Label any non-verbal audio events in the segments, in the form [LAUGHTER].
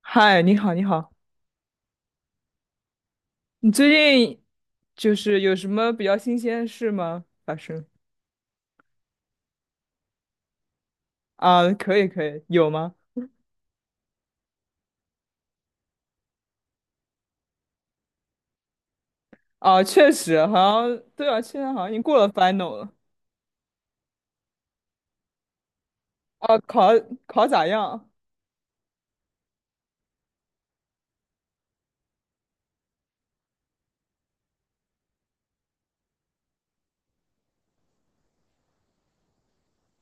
嗨，你好，你好，你最近有什么比较新鲜的事吗？发生啊，可以可以，有吗？啊，确实，好像对啊，现在好像已经过了 final 了。啊，考咋样？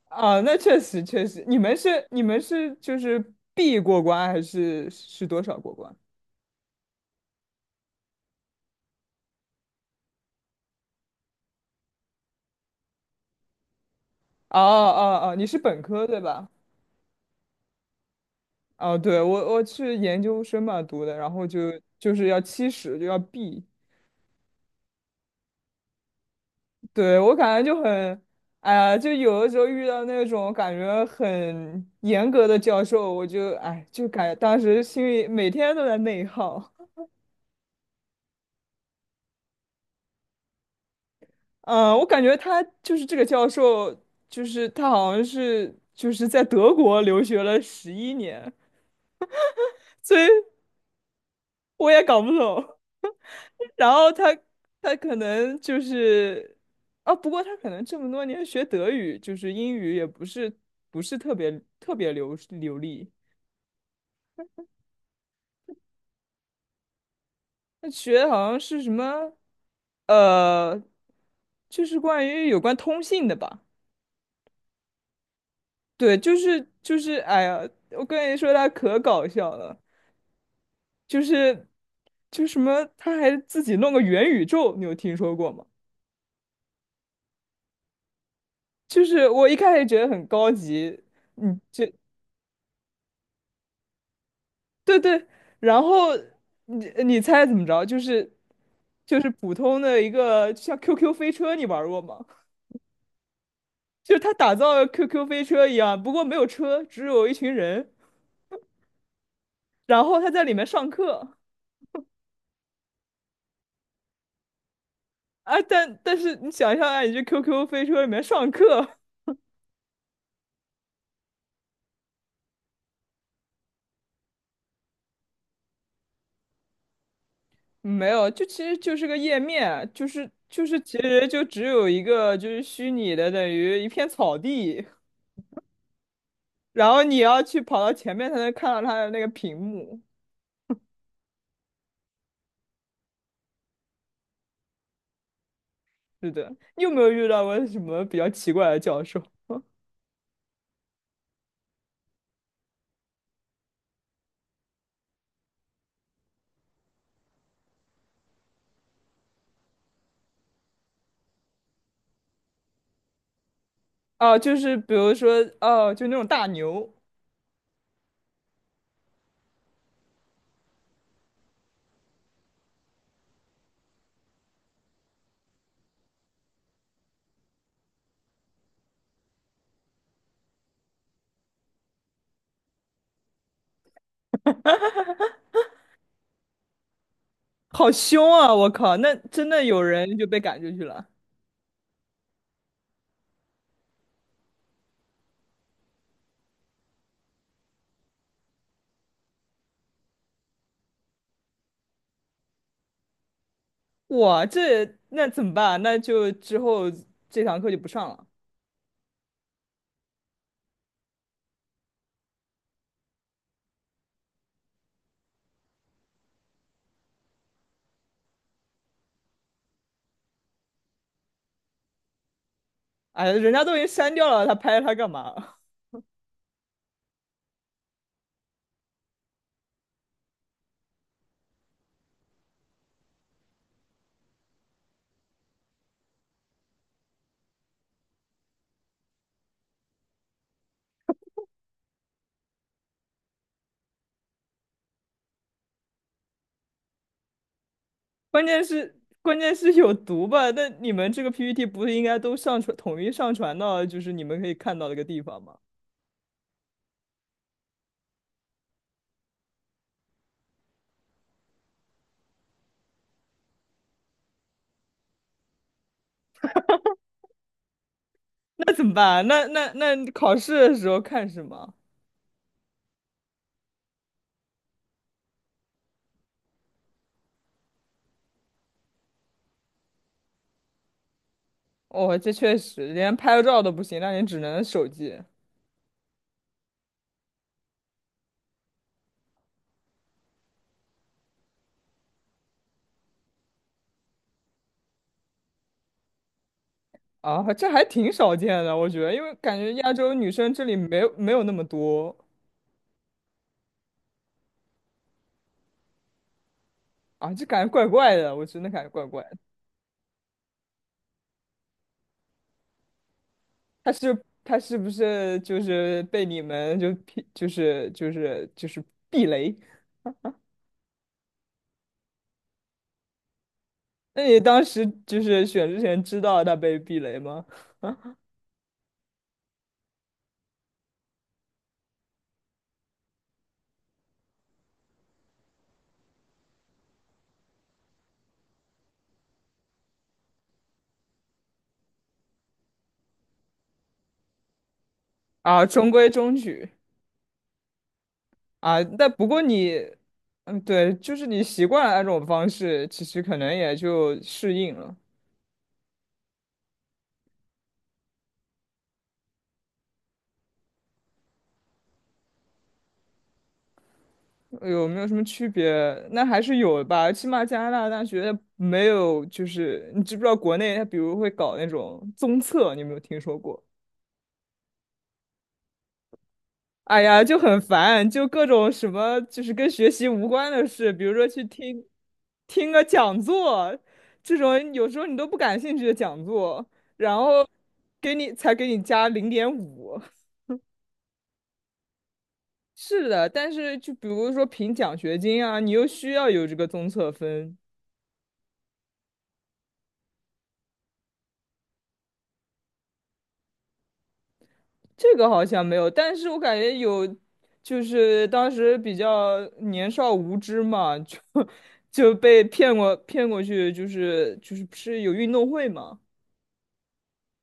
啊，那确实确实，你们是B 过关还是是多少过关？哦哦哦，你是本科对吧？哦，对，我是研究生嘛读的，然后就是要70就要 B。对，我感觉就很，哎呀，就有的时候遇到那种感觉很严格的教授，我就哎，就感当时心里每天都在内耗。嗯，我感觉他就是这个教授，他好像是在德国留学了11年，所以我也搞不懂。[LAUGHS] 然后他可能就是，啊，不过他可能这么多年学德语，就是英语也不是特别流利。他学的好像是什么，呃，就是关于有关通信的吧？对，就是，哎呀，我跟你说，他可搞笑了，就是什么，他还自己弄个元宇宙，你有听说过吗？就是我一开始觉得很高级，嗯，就对对，然后你你猜怎么着？就是普通的一个就像 QQ 飞车，你玩过吗？[LAUGHS] 就是他打造了 QQ 飞车一样，不过没有车，只有一群人。然后他在里面上课啊，但但是你想象一下，你去 QQ 飞车里面上课，[LAUGHS] 没有，就其实就是个页面，就是其实就只有一个就是虚拟的，等于一片草地，然后你要去跑到前面才能看到他的那个屏幕。是的，你有没有遇到过什么比较奇怪的教授？[LAUGHS] 哦，就是比如说，哦，就那种大牛，好凶啊！我靠，那真的有人就被赶出去了。哇，这那怎么办？那就之后这堂课就不上了。哎呀，人家都已经删掉了，他拍他干嘛？[LAUGHS] 关键是有毒吧？那你们这个 PPT 不是应该都上传统一上传到就是你们可以看到的一个地方吗？那怎么办啊？那考试的时候看什么？哦，这确实连拍个照都不行，那你只能手机啊，这还挺少见的，我觉得，因为感觉亚洲女生这里没有那么多啊，就感觉怪怪的，我真的感觉怪怪。他是不是就是被你们就劈就是避雷？那你当时就是选之前知道他被避雷吗？啊，中规中矩啊。但不过你，嗯，对，就是你习惯了那种方式，其实可能也就适应了。有没有什么区别？那还是有的吧，起码加拿大大学没有，就是你知不知道国内他比如会搞那种综测，你有没有听说过？哎呀，就很烦，就各种什么，就是跟学习无关的事，比如说听个讲座，这种有时候你都不感兴趣的讲座，然后给你加0.5。是的，但是就比如说评奖学金啊，你又需要有这个综测分，这个好像没有，但是我感觉有，就是当时比较年少无知嘛，就 [LAUGHS] 就被骗过去，就是不是有运动会嘛。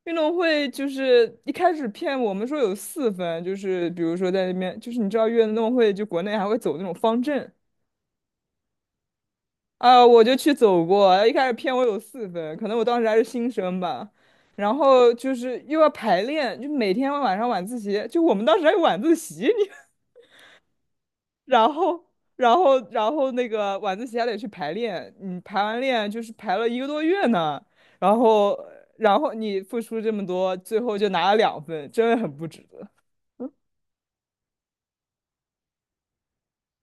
运动会就是一开始骗我们说有四分，就是比如说在那边，就是你知道运动会就国内还会走那种方阵啊，我就去走过，一开始骗我有四分，可能我当时还是新生吧，然后就是又要排练，就每天晚上晚自习，就我们当时还有晚自习，你 [LAUGHS] 然后然后那个晚自习还得去排练，你排完练就是排了一个多月呢，然后然后你付出这么多，最后就拿了2分，真的很不值得。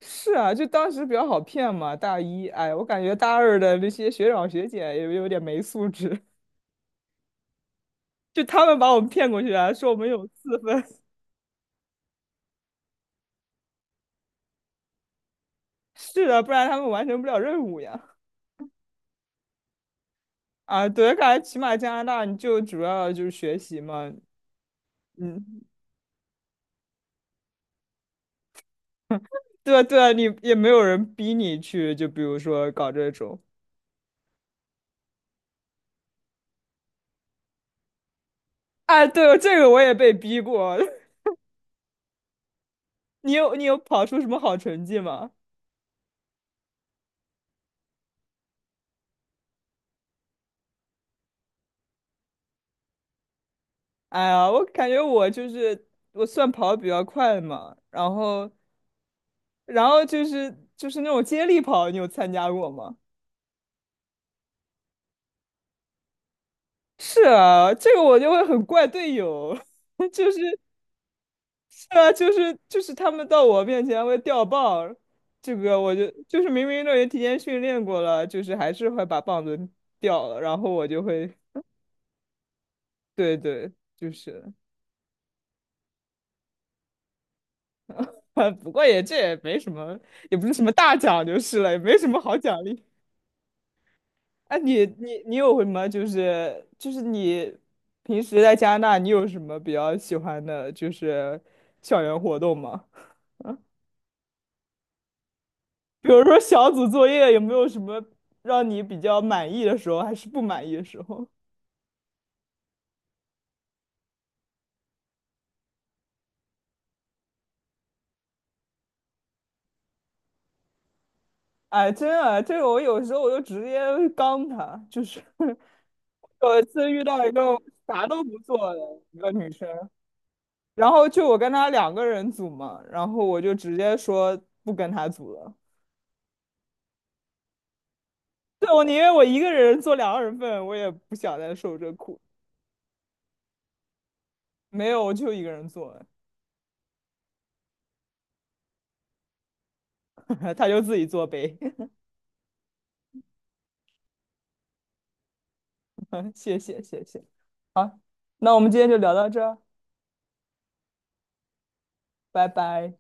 是啊，就当时比较好骗嘛，大一，哎，我感觉大二的那些学长学姐也有点没素质，[LAUGHS] 就他们把我们骗过去啊，说我们有四分，[LAUGHS] 是啊，不然他们完成不了任务呀。啊，对，感觉起码加拿大你就主要就是学习嘛，嗯，对啊对，啊，你也没有人逼你去，就比如说搞这种，哎，对，这个我也被逼过，[LAUGHS] 你有跑出什么好成绩吗？哎呀，我感觉我就是我算跑的比较快嘛，然后。然后就是那种接力跑，你有参加过吗？是啊，这个我就会很怪队友，[LAUGHS] 就是是啊，就是他们到我面前会掉棒，这个我就是明明都已经提前训练过了，就是还是会把棒子掉了，然后我就会对对，就是，[LAUGHS] 不过也这也没什么，也不是什么大奖就是了，也没什么好奖励。哎，你有什么就是你平时在加拿大，你有什么比较喜欢的，就是校园活动吗？[LAUGHS] 比如说小组作业，有没有什么让你比较满意的时候，还是不满意的时候？[LAUGHS] 哎，真的，这个我有时候我就直接刚他，就是 [LAUGHS] 有一次遇到一个啥都不做的一个女生，然后就我跟她两个人组嘛，然后我就直接说不跟她组了。[LAUGHS] 对，我宁愿我一个人做两个人份，我也不想再受这苦。没有，我就一个人做，[LAUGHS] 他就自己做呗。[LAUGHS] 谢谢，谢谢。好，那我们今天就聊到这儿，拜拜。